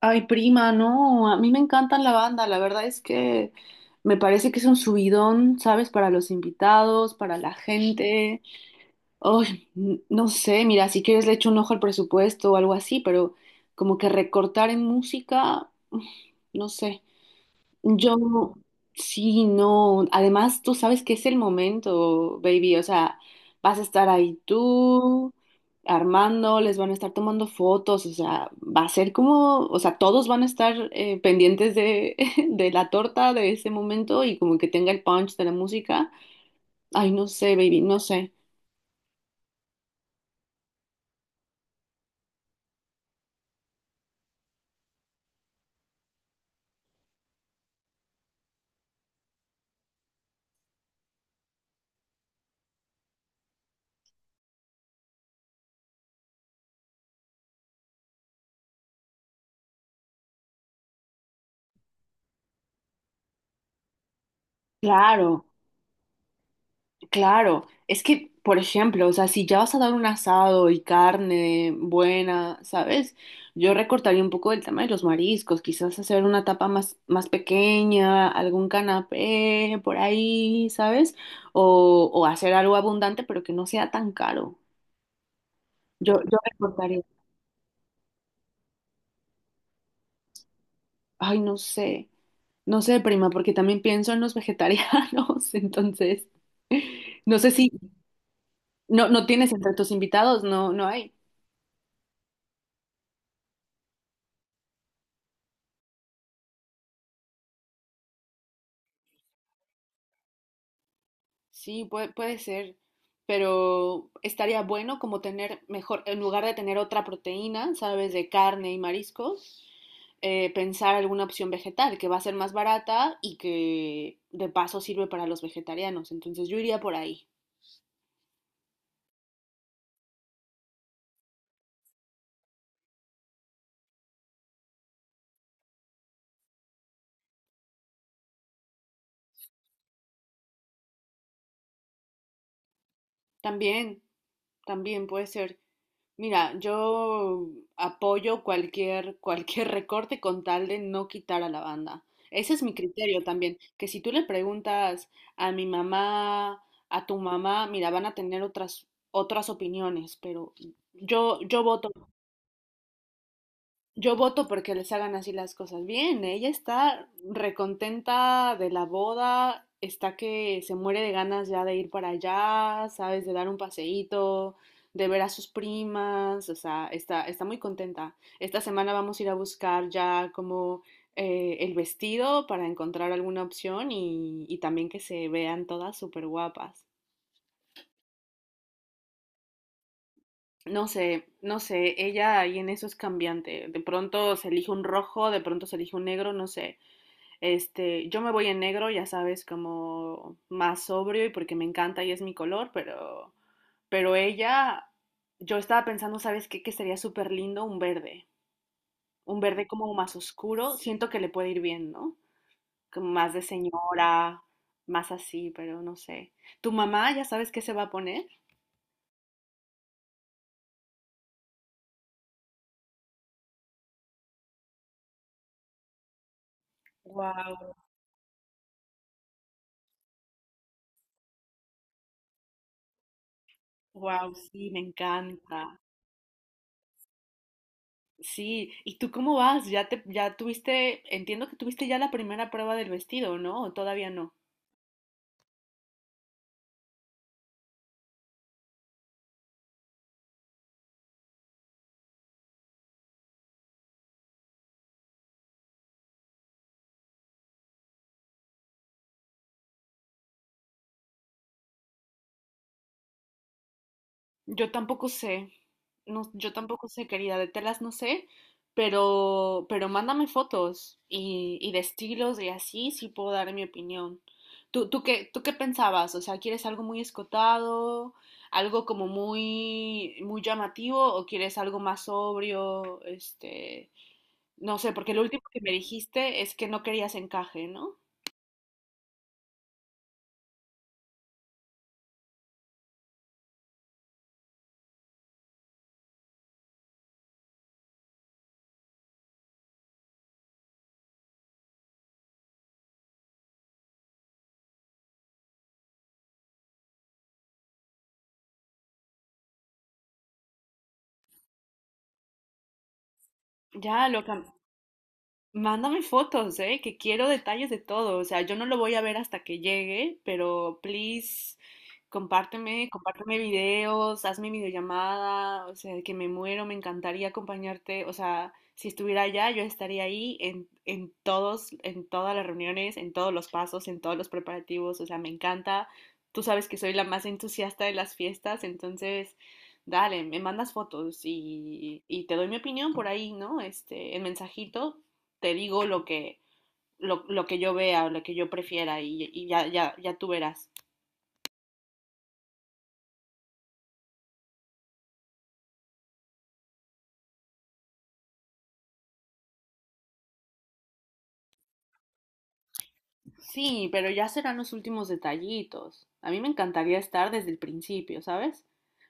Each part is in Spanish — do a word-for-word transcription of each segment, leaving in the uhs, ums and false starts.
Ay, prima, no, a mí me encantan la banda, la verdad es que me parece que es un subidón, ¿sabes? Para los invitados, para la gente. Ay, n- no sé, mira, si quieres le echo un ojo al presupuesto o algo así, pero como que recortar en música, uf, no sé. Yo sí, no. Además, tú sabes que es el momento, baby. O sea, vas a estar ahí tú, Armando, les van a estar tomando fotos. O sea, va a ser como, o sea, todos van a estar eh, pendientes de, de la torta de ese momento y como que tenga el punch de la música. Ay, no sé, baby, no sé. Claro. Claro, es que, por ejemplo, o sea, si ya vas a dar un asado y carne buena, ¿sabes? Yo recortaría un poco el tema de los mariscos, quizás hacer una tapa más, más pequeña, algún canapé por ahí, ¿sabes? O, o hacer algo abundante, pero que no sea tan caro. Yo, yo recortaría, ay, no sé, no sé, prima, porque también pienso en los vegetarianos, entonces, no sé si, no, no tienes entre tus invitados, no, no hay. Sí, puede, puede ser, pero estaría bueno como tener mejor, en lugar de tener otra proteína, ¿sabes? De carne y mariscos, eh, pensar alguna opción vegetal que va a ser más barata y que de paso sirve para los vegetarianos. Entonces yo iría por ahí. También, también puede ser. Mira, yo apoyo cualquier, cualquier recorte con tal de no quitar a la banda. Ese es mi criterio también, que si tú le preguntas a mi mamá, a tu mamá, mira, van a tener otras, otras opiniones, pero yo, yo voto yo voto porque les hagan así las cosas bien. Ella está recontenta de la boda, está que se muere de ganas ya de ir para allá, sabes, de dar un paseíto, de ver a sus primas, o sea, está, está muy contenta. Esta semana vamos a ir a buscar ya como eh, el vestido para encontrar alguna opción y, y también que se vean todas súper guapas. No sé, no sé, ella ahí en eso es cambiante. De pronto se elige un rojo, de pronto se elige un negro, no sé. Este, yo me voy en negro, ya sabes, como más sobrio y porque me encanta y es mi color, pero, pero ella, yo estaba pensando, ¿sabes qué? Que sería súper lindo un verde, un verde como más oscuro, siento que le puede ir bien, ¿no? Como más de señora, más así, pero no sé. ¿Tu mamá ya sabes qué se va a poner? Wow, wow, sí, me encanta. Sí, ¿y tú cómo vas? Ya te, ya tuviste, entiendo que tuviste ya la primera prueba del vestido, ¿no? ¿O todavía no? Yo tampoco sé, no, yo tampoco sé, querida, de telas no sé, pero, pero mándame fotos y, y de estilos y así sí puedo dar mi opinión. ¿Tú, tú qué, tú qué pensabas? O sea, ¿quieres algo muy escotado, algo como muy, muy llamativo o quieres algo más sobrio? Este, no sé, porque lo último que me dijiste es que no querías encaje, ¿no? Ya lo, cam- Mándame fotos, ¿eh? Que quiero detalles de todo. O sea, yo no lo voy a ver hasta que llegue, pero please, compárteme, compárteme videos, hazme videollamada, o sea, que me muero, me encantaría acompañarte. O sea, si estuviera allá, yo estaría ahí en, en todos, en todas las reuniones, en todos los pasos, en todos los preparativos. O sea, me encanta. Tú sabes que soy la más entusiasta de las fiestas, entonces, dale, me mandas fotos y, y te doy mi opinión por ahí, ¿no? Este, en mensajito te digo lo que, lo, lo que yo vea o lo que yo prefiera y, y ya, ya, ya tú verás. Sí, pero ya serán los últimos detallitos. A mí me encantaría estar desde el principio, ¿sabes?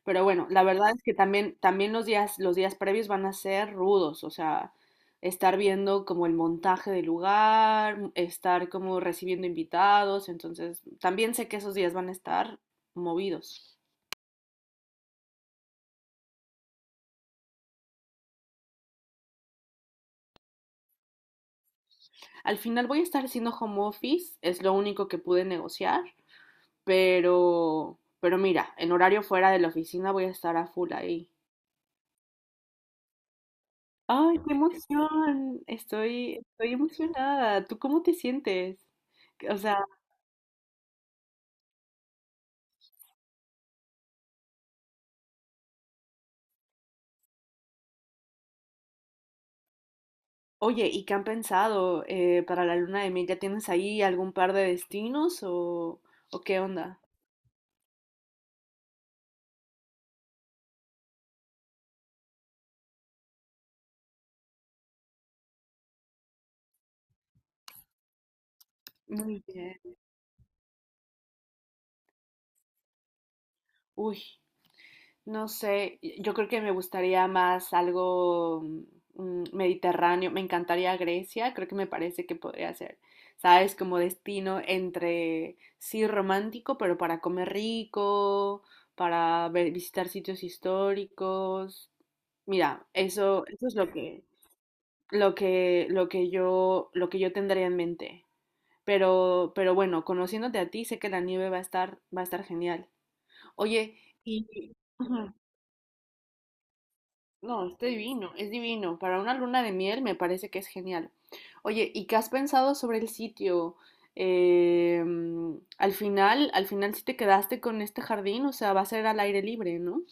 Pero bueno, la verdad es que también, también los días, los días previos van a ser rudos, o sea, estar viendo como el montaje del lugar, mm, estar como recibiendo invitados, entonces también sé que esos días van a estar movidos. Al final voy a estar haciendo home office, es lo único que pude negociar. Pero, pero mira, en horario fuera de la oficina voy a estar a full ahí. ¡Ay, qué emoción! Estoy, estoy emocionada. ¿Tú cómo te sientes? O sea, oye, ¿y qué han pensado eh, para la luna de miel? ¿Ya tienes ahí algún par de destinos o, o qué onda? Muy bien. Uy. No sé, yo creo que me gustaría más algo mm, mediterráneo. Me encantaría Grecia, creo que me parece que podría ser, ¿sabes? Como destino entre, sí, romántico, pero para comer rico, para ver- visitar sitios históricos. Mira, eso, eso es lo que, lo que, lo que yo, lo que yo tendría en mente. Pero, pero bueno, conociéndote a ti, sé que la nieve va a estar, va a estar genial. Oye, y, Ujú. No, es divino, es divino. Para una luna de miel me parece que es genial. Oye, ¿y qué has pensado sobre el sitio? Eh, mm, al final, al final sí te quedaste con este jardín, o sea, va a ser al aire libre, ¿no?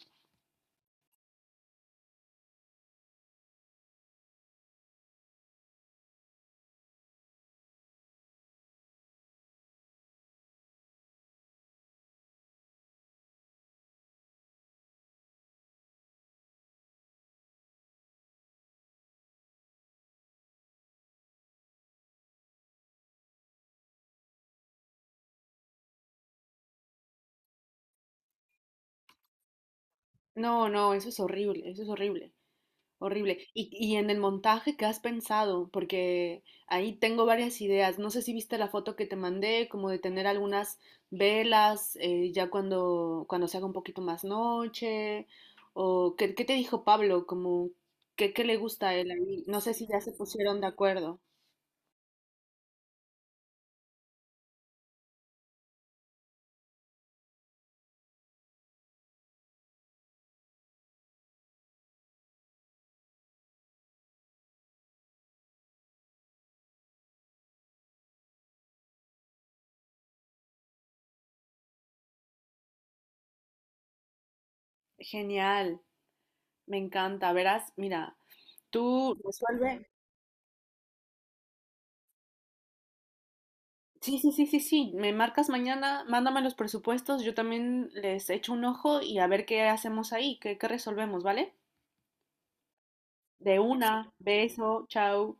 No, no, eso es horrible, eso es horrible. Horrible. Y, y en el montaje, ¿qué has pensado? Porque ahí tengo varias ideas. No sé si viste la foto que te mandé, como de tener algunas velas, eh, ya cuando, cuando se haga un poquito más noche. O ¿qué, qué te dijo Pablo? Como, ¿qué, qué le gusta a él ahí? No sé si ya se pusieron de acuerdo. Genial, me encanta. Verás, mira, tú resuelve. Sí, sí, sí, sí, sí. Me marcas mañana, mándame los presupuestos, yo también les echo un ojo y a ver qué hacemos ahí, qué, qué resolvemos, ¿vale? De una, beso, chao.